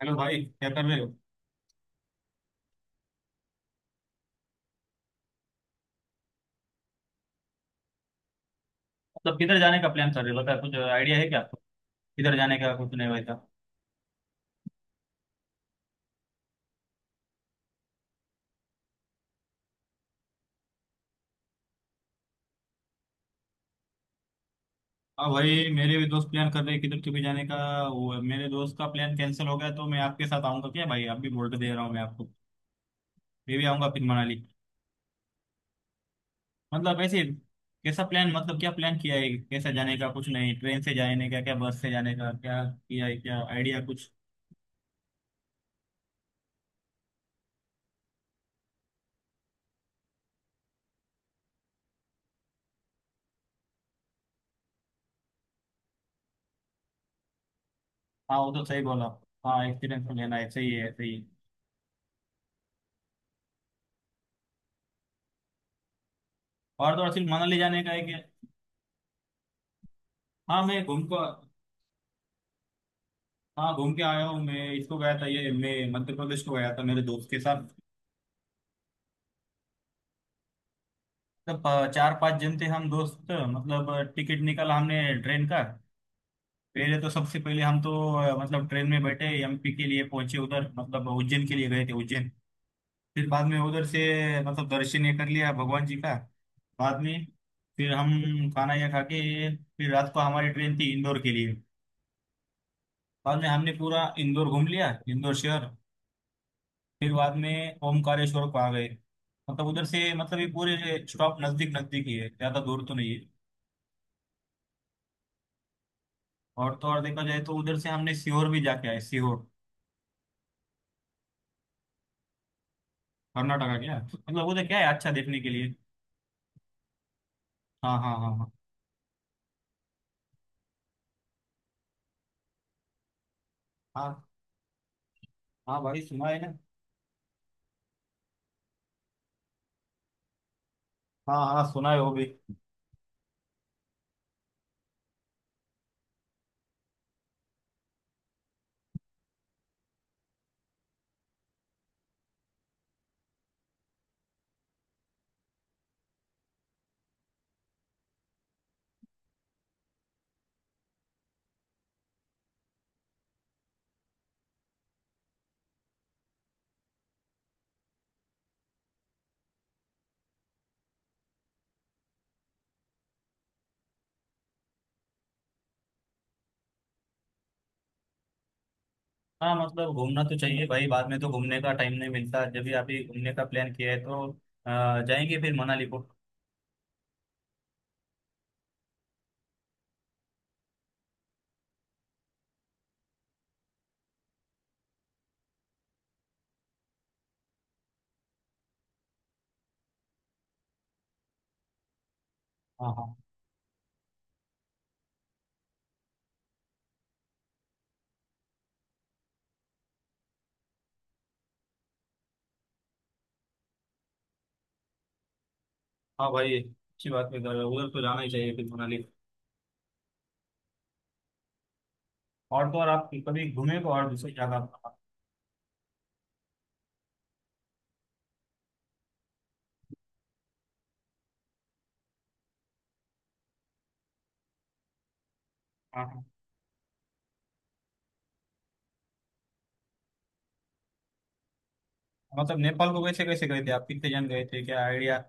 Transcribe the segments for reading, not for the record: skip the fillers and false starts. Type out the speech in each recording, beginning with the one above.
Hello भाई, क्या कर रहे हो। मतलब किधर जाने का प्लान कर रहे हो बता, कुछ आइडिया है क्या आपको। किधर जाने का कुछ नहीं वैसा। हाँ भाई, मेरे भी दोस्त प्लान कर रहे हैं किधर कभी जाने का। वो मेरे दोस्त का प्लान कैंसिल हो गया तो मैं आपके साथ आऊंगा क्या भाई, आप भी बोल के दे रहा हूँ मैं आपको। मैं भी आऊंगा फिर मनाली। मतलब ऐसे कैसा प्लान, मतलब क्या प्लान किया है, कैसा जाने का, कुछ नहीं, ट्रेन से जाने का क्या, बस से जाने का क्या किया है, क्या आइडिया कुछ। हाँ वो तो सही बोला आप। हाँ एक्सपीरियंस लेना है, सही है सही है। और तो और सिर्फ मनाली जाने का है क्या। हाँ मैं घूम को। हाँ घूम के आया हूँ मैं, इसको गया था ये, मैं मध्य प्रदेश को गया था मेरे दोस्त के साथ। मतलब चार पांच जन थे हम दोस्त, मतलब टिकट निकाला हमने ट्रेन का। पहले तो सबसे पहले हम तो मतलब ट्रेन में बैठे एमपी के लिए पहुंचे उधर, मतलब उज्जैन के लिए गए थे उज्जैन। फिर बाद में उधर से मतलब दर्शन ये कर लिया भगवान जी का। बाद में फिर हम खाना ये खा के फिर रात को हमारी ट्रेन थी इंदौर के लिए। बाद में हमने पूरा इंदौर घूम लिया, इंदौर शहर। फिर बाद में ओमकारेश्वर को आ गए, मतलब उधर से मतलब ये पूरे स्टॉप नजदीक नजदीक ही है, ज्यादा दूर तो नहीं है। और तो और देखा जाए तो उधर से हमने सीहोर भी जाके आए, सीहोर। कर्नाटका क्या, मतलब उधर क्या है अच्छा देखने के लिए। हाँ हाँ हाँ हाँ हाँ। हाँ भाई सुना है ना। हाँ हाँ सुना है वो भी। हाँ मतलब घूमना तो चाहिए भाई, बाद में तो घूमने का टाइम नहीं मिलता, जब भी आप ये घूमने का प्लान किया है तो जाएंगे फिर मनाली को। हाँ हाँ। हाँ भाई अच्छी बात है, उधर उधर तो जाना ही चाहिए फिर मनाली। और तो और आप कभी घूमे को और दूसरी जगह। हाँ मतलब नेपाल को कैसे कैसे गए थे आप, कितने जन गए थे, क्या आइडिया।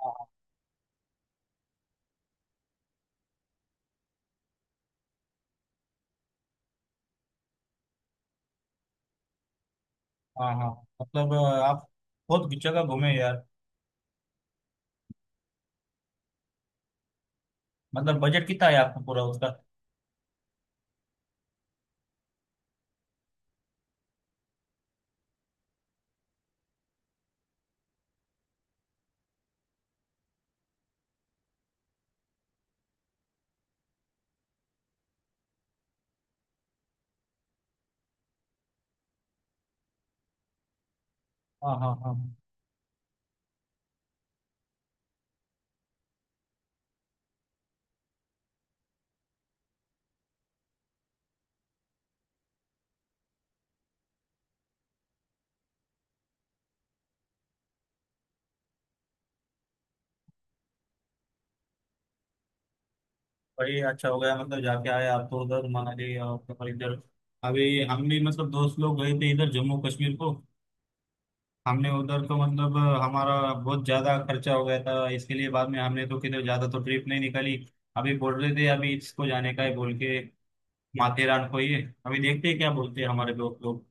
हाँ हाँ। हाँ मतलब आप बहुत जगह घूमे यार। मतलब बजट कितना है आपको पूरा उसका। हाँ हाँ हाँ। भाई अच्छा हो गया मतलब जाके आए आप तो उधर मनाली, और फिर इधर अभी हम भी मतलब दोस्त लोग गए थे इधर जम्मू कश्मीर को। हमने उधर तो मतलब हमारा बहुत ज्यादा खर्चा हो गया था इसके लिए, बाद में हमने तो किधर ज्यादा तो ट्रिप नहीं निकाली। अभी बोल रहे थे अभी इसको जाने का है बोल के, माथेरान को ही। अभी देखते हैं क्या बोलते हैं हमारे दोस्त लोग।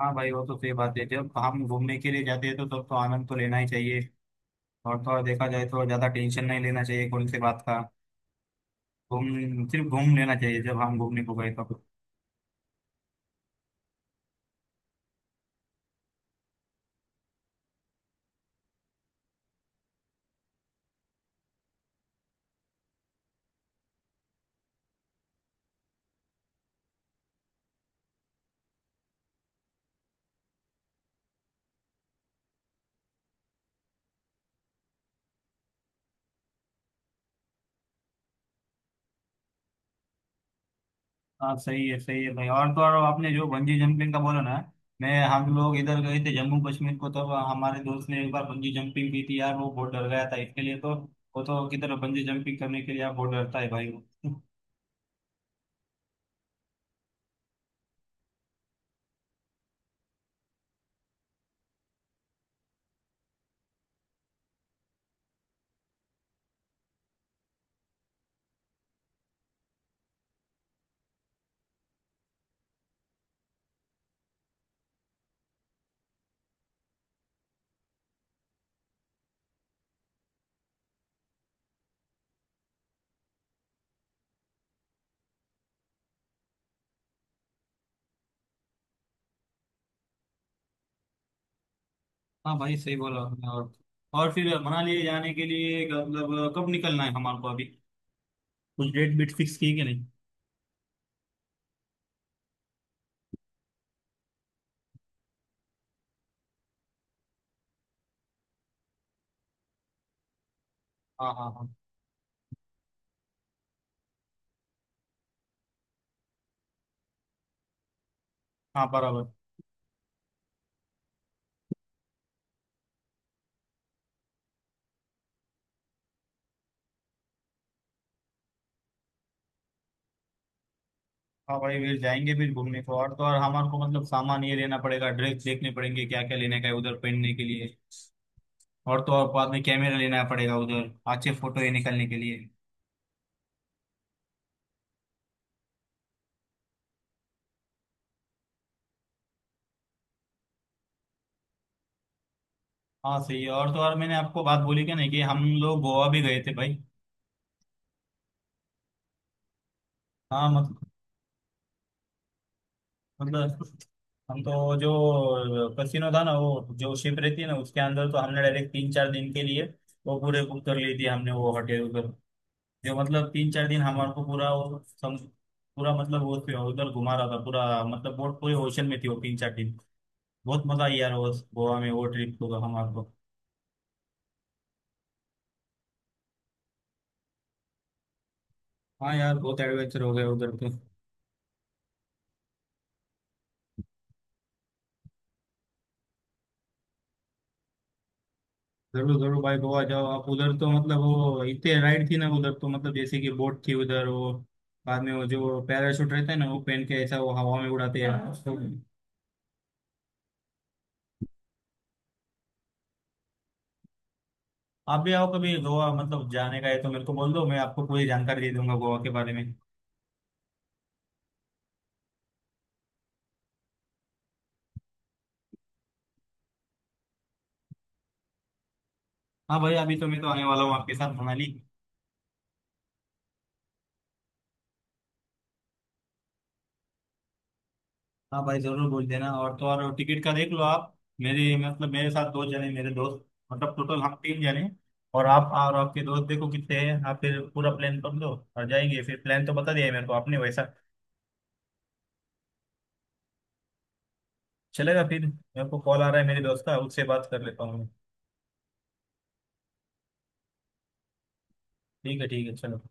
हाँ भाई वो तो सही बात है, जब हम घूमने के लिए जाते हैं तो तब तो आनंद तो लेना ही चाहिए। और थोड़ा देखा जाए तो ज्यादा टेंशन नहीं लेना चाहिए कौन सी बात का। घूम सिर्फ घूम लेना चाहिए जब हम घूमने को गए तब। हाँ सही है भाई। और तो और आपने जो बंजी जंपिंग का बोला ना, मैं हम लोग इधर गए थे जम्मू कश्मीर को, तब हमारे दोस्त ने एक बार बंजी जंपिंग की थी यार, वो बहुत डर गया था इसके लिए तो। वो तो किधर बंजी जंपिंग करने के लिए आप बहुत डरता है भाई वो। हाँ भाई सही बोला आपने। और फिर मनाली जाने के लिए मतलब कब निकलना है हमारे को अभी, कुछ डेट बीट फिक्स की है कि नहीं। हाँ हाँ हाँ। हाँ बराबर। हाँ भाई फिर जाएंगे फिर घूमने को। और तो और हमारे को मतलब सामान ये लेना पड़ेगा, ड्रेस देखने पड़ेंगे क्या क्या लेने का है उधर पहनने के लिए। और तो और बाद में कैमरा लेना पड़ेगा उधर अच्छे फोटो ये निकालने के लिए। हाँ सही है। और तो और मैंने आपको बात बोली क्या नहीं कि हम लोग गोवा भी गए थे भाई। हाँ मत, मतलब हम तो जो कसिनो था ना, वो जो शिप रहती है ना उसके अंदर तो हमने डायरेक्ट तीन चार दिन के लिए वो पूरे बुक कर ली थी हमने वो होटल उधर, जो मतलब तीन चार दिन हमारे को पूरा वो पूरा मतलब वो उधर घुमा रहा था पूरा, मतलब बोट पूरे ओशन में थी वो तीन चार दिन। बहुत मजा आई यार वो गोवा में वो ट्रिप को हमारे को। हाँ यार बहुत एडवेंचर हो गया उधर तो। जरूर जरूर भाई गोवा जाओ आप, उधर तो मतलब वो इतने राइड थी ना उधर तो, मतलब जैसे कि बोट थी उधर वो, बाद में वो जो पैराशूट रहता है ना वो पहन के ऐसा वो हवा में उड़ाते हैं तो। आप भी आओ कभी गोवा, मतलब जाने का है तो मेरे को बोल दो, मैं आपको पूरी जानकारी दे दूंगा गोवा के बारे में। हाँ भाई अभी तो मैं तो आने वाला हूँ आपके साथ मनाली। हाँ भाई जरूर बोल देना। और तो और टिकट का देख लो आप, मेरे मतलब मेरे साथ दो जने मेरे दोस्त, मतलब टोटल हम तीन जने। और आप और आपके दोस्त देखो कितने हैं आप, फिर पूरा प्लान कर लो। और जाएंगे फिर, प्लान तो बता दिया है मेरे को आपने वैसा। चलेगा फिर, मेरे को कॉल आ रहा है मेरे दोस्त का, उससे बात कर लेता हूँ मैं। ठीक है चलो।